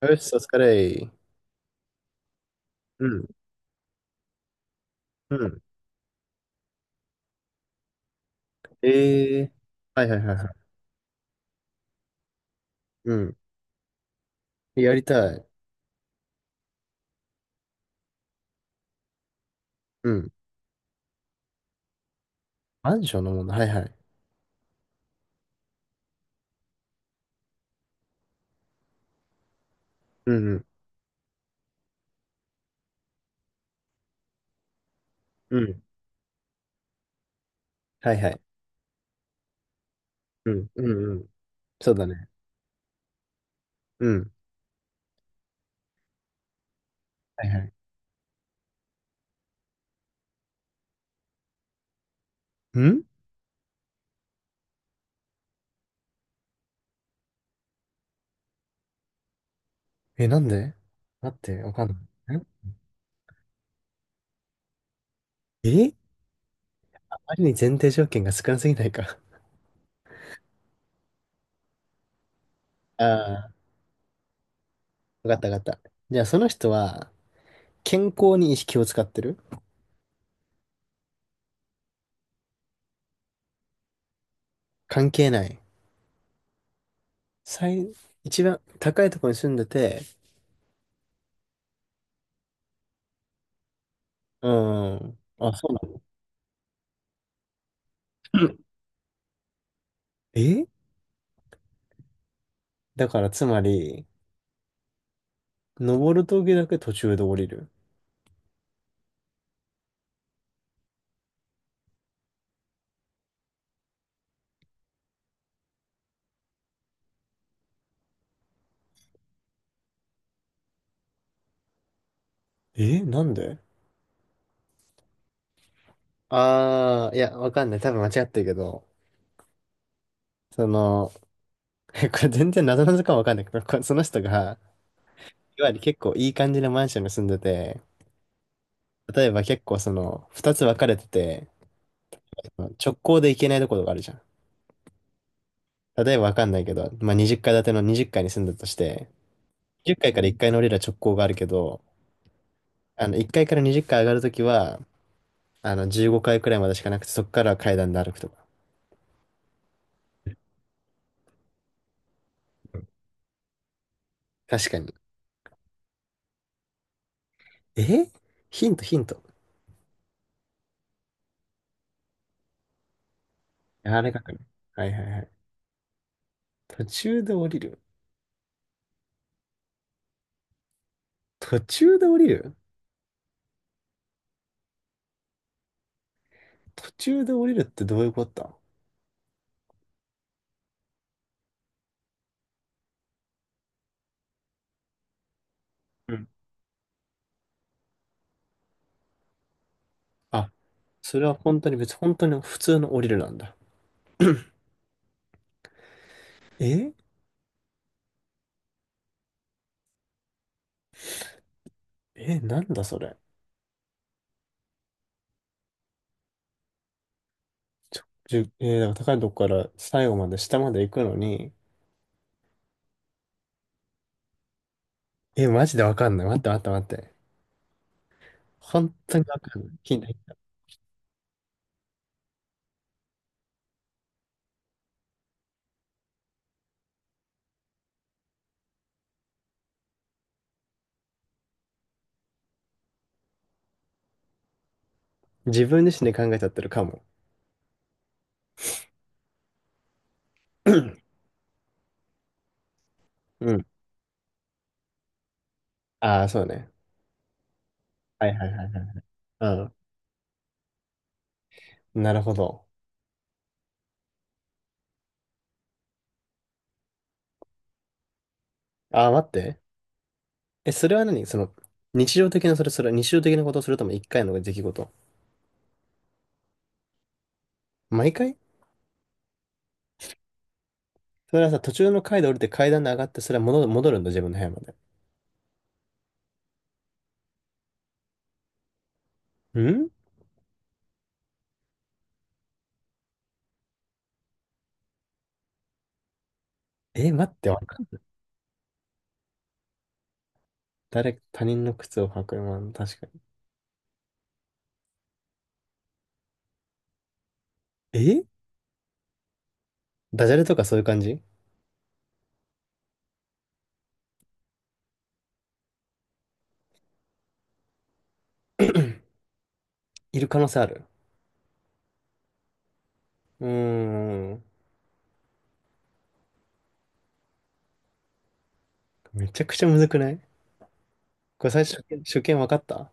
よし、お疲れ。うん、うん。ええ、はいはいはいはい。うん。やりたい。うん。マンションのもの。はいはい。うんうん。うん。はいはい。うん。うんうん。そうだね。うん。はいはい。ん。え、なんで？待って、わかんない。え、あまりに前提条件が少なすぎないか？ああ、わかったわかった。じゃあ、その人は、健康に意識を使ってる？関係ない。最、一番高いところに住んでて、うん。あ、そうなんだ。え、だからつまり、登る時だけ途中で降りる。え、なんで？ああー、いや、わかんない。多分間違ってるけど、その、これ全然謎々かもわかんないけど、その人が、いわゆる結構いい感じのマンションに住んでて、例えば結構その、二つ分かれてて、直行で行けないところがあるじゃん。例えばわかんないけど、まあ、20階建ての20階に住んだとして、10階かいから1階の降りる直行があるけど、1階かいから20階上がるときは、15階くらいまでしかなくて、そこからは階段で歩くとか。確かに。え、ヒント、ヒント。あらかくね。はいはいはい。途中で降りる。途中で降りる。途中で降りるってどういうことだ？うん。あ、それは本当に普通の降りるなんだ。ええ、なんだそれ。ちょ、じゅ、えーだから高いとこから最後まで下まで行くのに、え、マジでわかんない。待って待って待って。本当にわかんない。ヒント、ヒント。自分自身で考えちゃってるかも。うん。ああ、そうね。はいはいはいはい。うん。なるほど。ああ、待って。え、それは何その、日常的な、それは日常的なことをするとも一回の出来事？毎回？それはさ、途中の階で降りて階段で上がって、それは戻るんだ、自分の部屋まで。ん。え、待って、誰、他人の靴を履く、まあ、確かに。え、ダジャレとかそういう感じ？いる可能性ある？うーん。めちゃくちゃむずくない？これ最初、初見、初見分かった？わ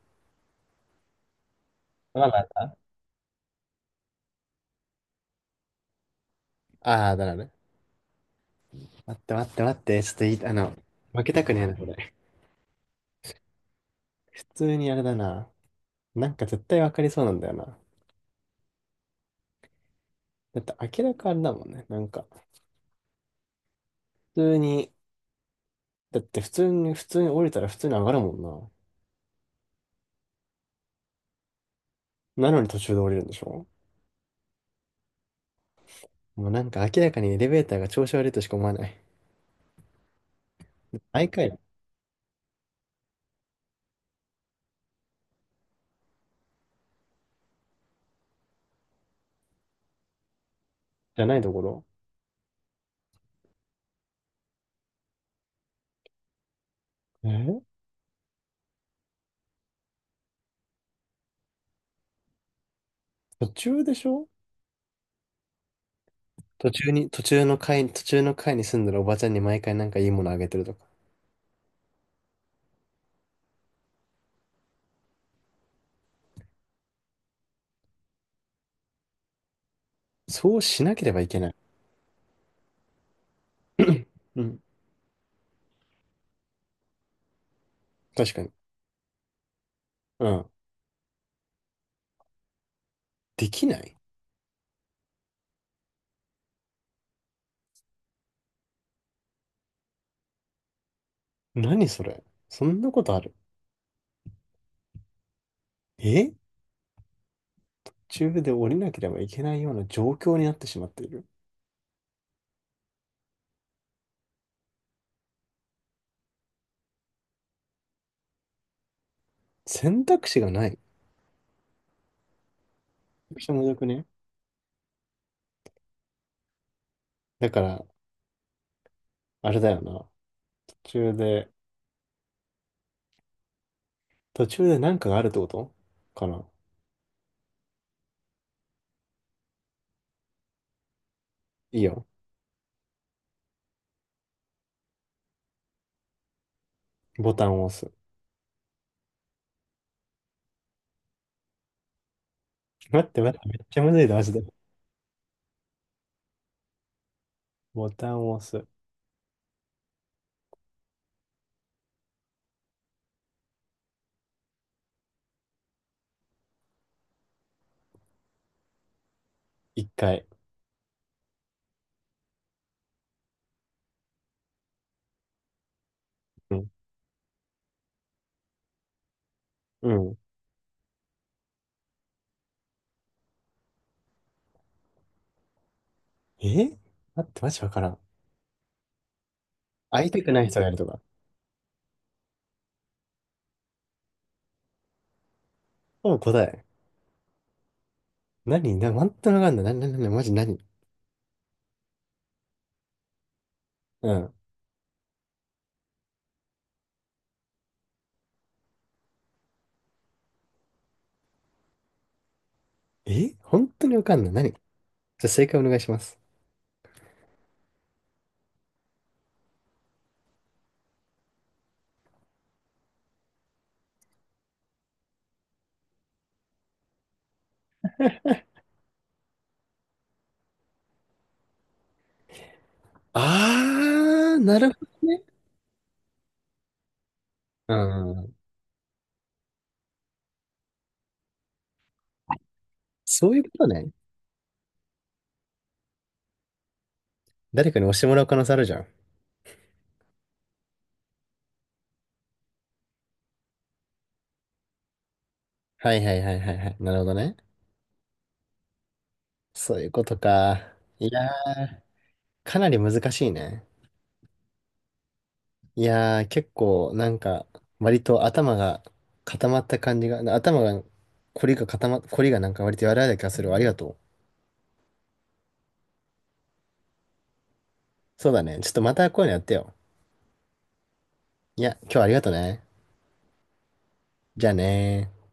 かんなかった。ああー、だからね。待って待って待って、ちょっといい、負けたくねえな、これ。普通にあれだな。なんか絶対分かりそうなんだよな。だって明らかあれだもんね。なんか、普通に、だって普通に降りたら普通に上がるもんな。なのに途中で降りるんでしょ？もうなんか明らかにエレベーターが調子悪いとしか思わない。毎回？じゃないところ。え、途中でしょ？途中に、途中の階に住んでるおばちゃんに毎回なんかいいものあげてるとか。そうしなければいけない。うん。確かに。うん。できない？何それ？そんなことある？え、途中で降りなければいけないような状況になってしまっている。選択肢がない？めちゃくちゃむずくね？だから、あれだよな。途中で、途中でなんかがあるってことかな。いいよ。ボタンを押す。待って待って、めっちゃむずいだマジで。ボタンを押す。一回。うん。うん。え、待って、マジわからん。会いたくない人がいるとか。ほぼ答え。何な、全くわかんない。な、な、な、な、マジ何？うん。え、本当にわかんない。何じゃあ正解お願いします。あー、なるほどね。うん。そういうことね。誰かに押してもらう可能性あるじゃん。はいはいはいはいはい。なるほどね。そういうことか。いやー、かなり難しいね。いやー、結構なんか、割と頭が固まった感じが、凝りがなんか割と柔らかい気がするわ。ありがとう。そうだね。ちょっとまたこういうのやってよ。いや、今日はありがとね。じゃあねー。